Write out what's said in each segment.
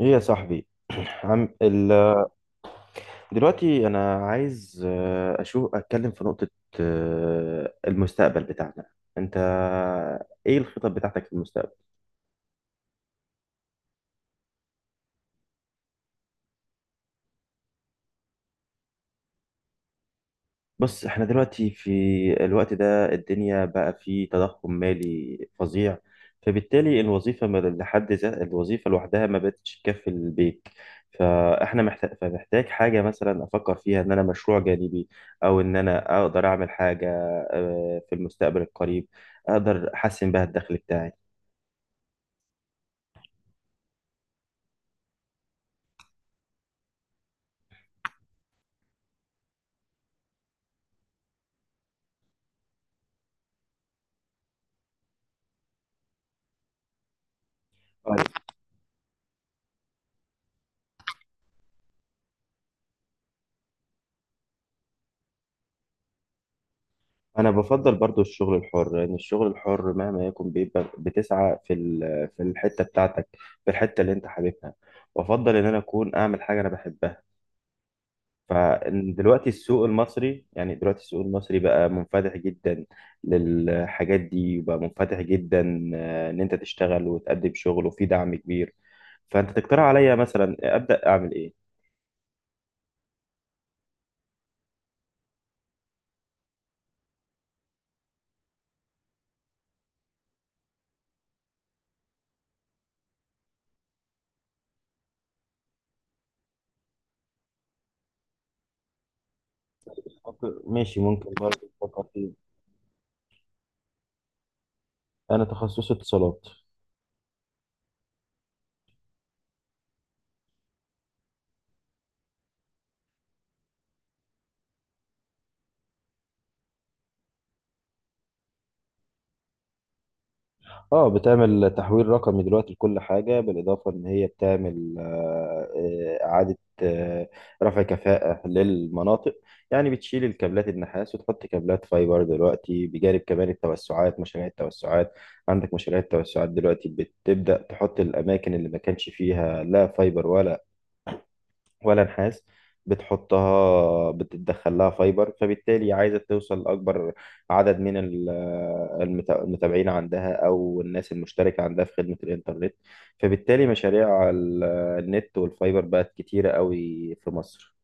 ايه يا صاحبي؟ عم ال... دلوقتي انا عايز اتكلم في نقطة، المستقبل بتاعنا. انت ايه الخطط بتاعتك في المستقبل؟ بص، احنا دلوقتي في الوقت ده الدنيا بقى فيه تضخم مالي فظيع، فبالتالي الوظيفة لحد ذا الوظيفة لوحدها ما بقتش تكفي البيت. فاحنا فمحتاج حاجة مثلا افكر فيها ان انا مشروع جانبي، او ان انا اقدر اعمل حاجة في المستقبل القريب اقدر احسن بها الدخل بتاعي. انا بفضل برضو الشغل الحر، لان الشغل الحر مهما يكون بيبقى بتسعى في الحته بتاعتك، في الحته اللي انت حاببها. وافضل ان انا اكون اعمل حاجه انا بحبها. فدلوقتي السوق المصري، يعني دلوقتي السوق المصري بقى منفتح جدا للحاجات دي، وبقى منفتح جدا ان انت تشتغل وتقدم شغل، وفي دعم كبير. فانت تقترح عليا مثلا ابدا اعمل ايه؟ ماشي، ممكن برضه أفكر فيه. انا تخصصي اتصالات. اه، بتعمل تحويل رقمي دلوقتي لكل حاجة، بالإضافة إن هي بتعمل إعادة رفع كفاءة للمناطق. يعني بتشيل الكابلات النحاس وتحط كابلات فايبر دلوقتي، بجانب كمان التوسعات، مشاريع التوسعات. عندك مشاريع التوسعات دلوقتي بتبدأ تحط الأماكن اللي ما كانش فيها لا فايبر ولا نحاس. بتحطها، بتدخل لها فايبر، فبالتالي عايزة توصل لأكبر عدد من المتابعين عندها أو الناس المشتركة عندها في خدمة الإنترنت. فبالتالي مشاريع النت والفايبر بقت كتيرة قوي في مصر.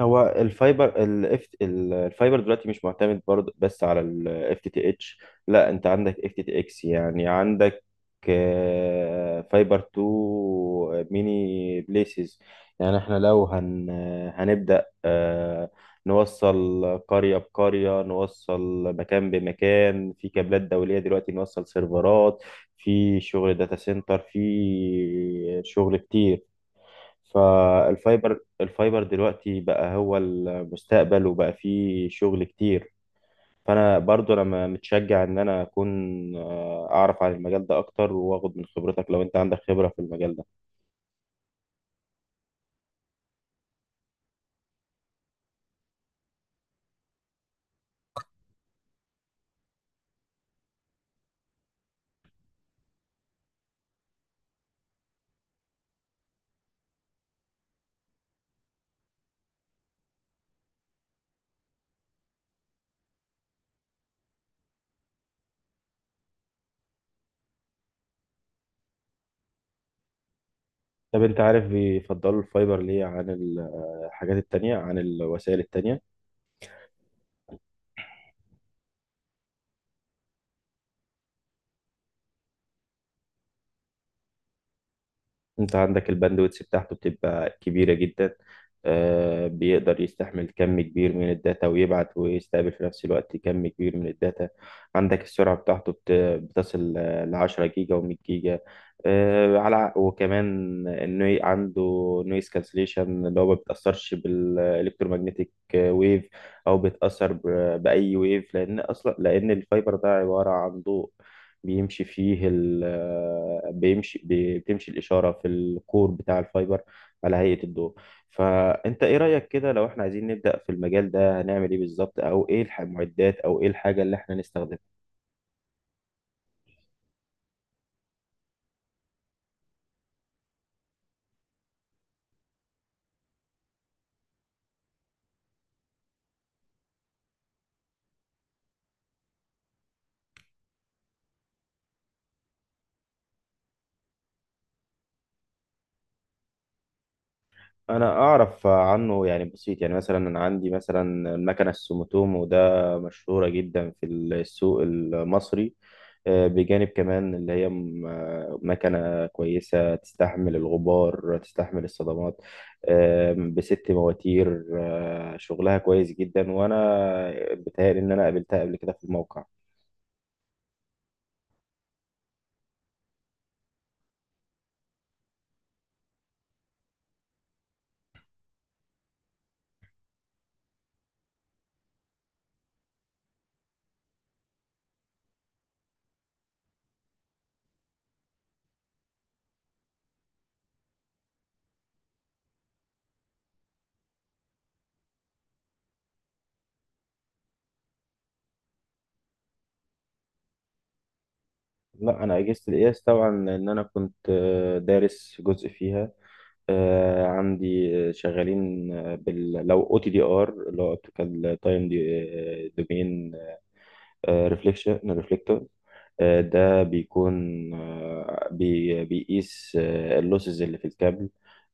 هو الفايبر دلوقتي مش معتمد برضه بس على الاف تي تي اتش. لا، انت عندك اف تي تي اكس، يعني عندك فايبر تو ميني بليسز. يعني احنا لو هنبدأ نوصل قرية بقرية، نوصل مكان بمكان، في كابلات دولية دلوقتي، نوصل سيرفرات، في شغل داتا سنتر، في شغل كتير. فالفايبر دلوقتي بقى هو المستقبل، وبقى فيه شغل كتير. فانا برضو انا متشجع ان انا اكون اعرف عن المجال ده اكتر، واخد من خبرتك لو انت عندك خبرة في المجال ده. طب، انت عارف بيفضلوا الفايبر ليه عن الحاجات التانية، عن الوسائل التانية؟ انت عندك الباندويتس بتاعته بتبقى كبيرة جدا، بيقدر يستحمل كم كبير من الداتا، ويبعت ويستقبل في نفس الوقت كم كبير من الداتا. عندك السرعة بتاعته بتصل لـ10 جيجا و100 جيجا، على وكمان انه عنده نويز كانسليشن، اللي هو ما بيتأثرش بالإلكترومagnetic ويف، أو بيتأثر بأي ويف، لأن أصلا لأن الفايبر ده عبارة عن ضوء، بيمشي فيه ال بيمشي بي- بتمشي الإشارة في الكور بتاع الفايبر على هيئة الضوء. فأنت إيه رأيك كده؟ لو إحنا عايزين نبدأ في المجال ده هنعمل إيه بالظبط؟ أو إيه المعدات أو إيه الحاجة اللي إحنا نستخدمها؟ أنا أعرف عنه يعني بسيط، يعني مثلا أنا عندي مثلا المكنة السوموتومو ده، مشهورة جدا في السوق المصري، بجانب كمان اللي هي مكنة كويسة، تستحمل الغبار، تستحمل الصدمات، بست مواتير، شغلها كويس جدا، وأنا بتهيألي إن أنا قابلتها قبل كده في الموقع. لا، أنا أجهزة القياس طبعا، إن أنا كنت دارس جزء فيها، عندي شغالين بال لو او تي دي ار، اللي هو اوبتيكال تايم دومين ريفليكشن. ده بيكون بيقيس اللوسز اللي في الكابل.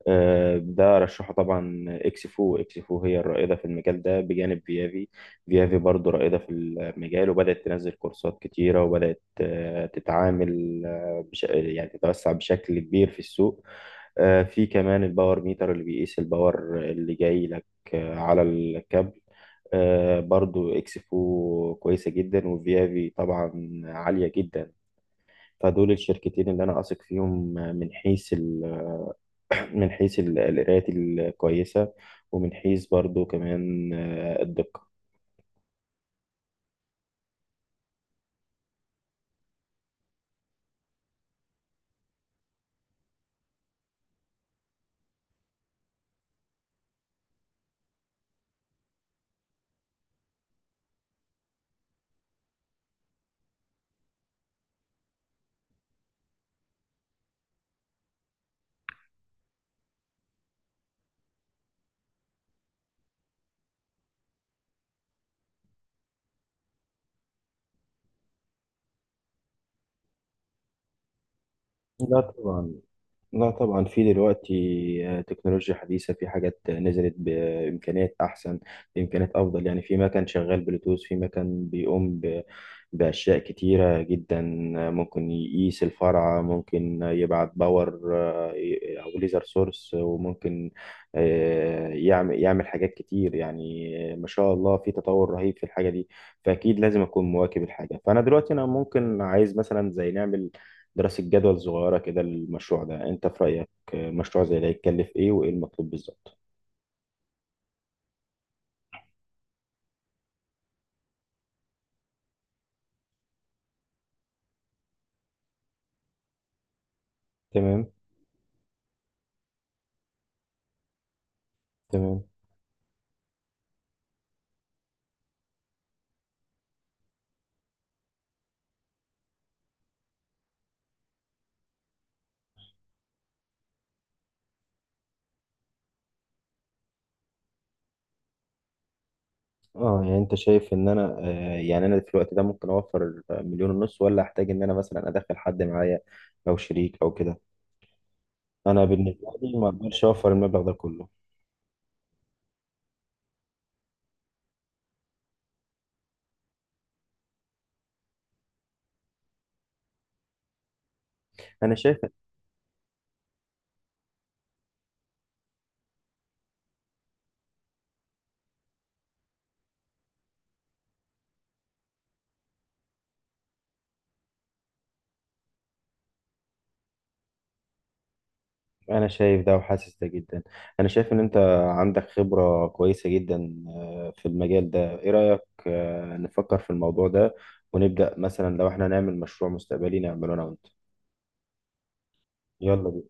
ده رشحه طبعا اكسفو. اكسفو هي الرائدة في المجال ده بجانب فيافي. فيافي برضو رائدة في المجال، وبدأت تنزل كورسات كتيرة، وبدأت تتعامل يعني تتوسع بشكل كبير في السوق. في كمان الباور ميتر اللي بيقيس الباور اللي جاي لك على الكابل. برضو اكسفو كويسة جدا، وفيافي طبعا عالية جدا. فدول الشركتين اللي انا اثق فيهم، من حيث القرايات الكويسة، ومن حيث برضو كمان الدقة. لا طبعا. لا طبعا، في دلوقتي تكنولوجيا حديثة، في حاجات نزلت بإمكانيات أحسن، بإمكانيات أفضل، يعني في مكان شغال بلوتوث، في مكان بيقوم بأشياء كتيرة جدا. ممكن يقيس الفرع، ممكن يبعت باور أو ليزر سورس، وممكن يعمل حاجات كتير، يعني ما شاء الله في تطور رهيب في الحاجة دي. فأكيد لازم أكون مواكب الحاجة، فأنا دلوقتي أنا ممكن عايز مثلا زي نعمل دراسة جدول صغيرة كده للمشروع ده. انت في رأيك مشروع زي ده يتكلف ايه وايه المطلوب بالظبط؟ تمام. تمام. اه، يعني انت شايف ان انا يعني انا في الوقت ده ممكن اوفر مليون ونص ولا احتاج ان انا مثلا ادخل حد معايا، او شريك او كده؟ انا بالنسبة لي ما اقدرش اوفر المبلغ ده كله. انا شايف انا شايف ده وحاسس ده جدا. انا شايف ان انت عندك خبرة كويسة جدا، في المجال ده، ايه رأيك نفكر في الموضوع ده، ونبدأ مثلا لو احنا نعمل مشروع مستقبلي نعمله انا وانت؟ يلا بينا.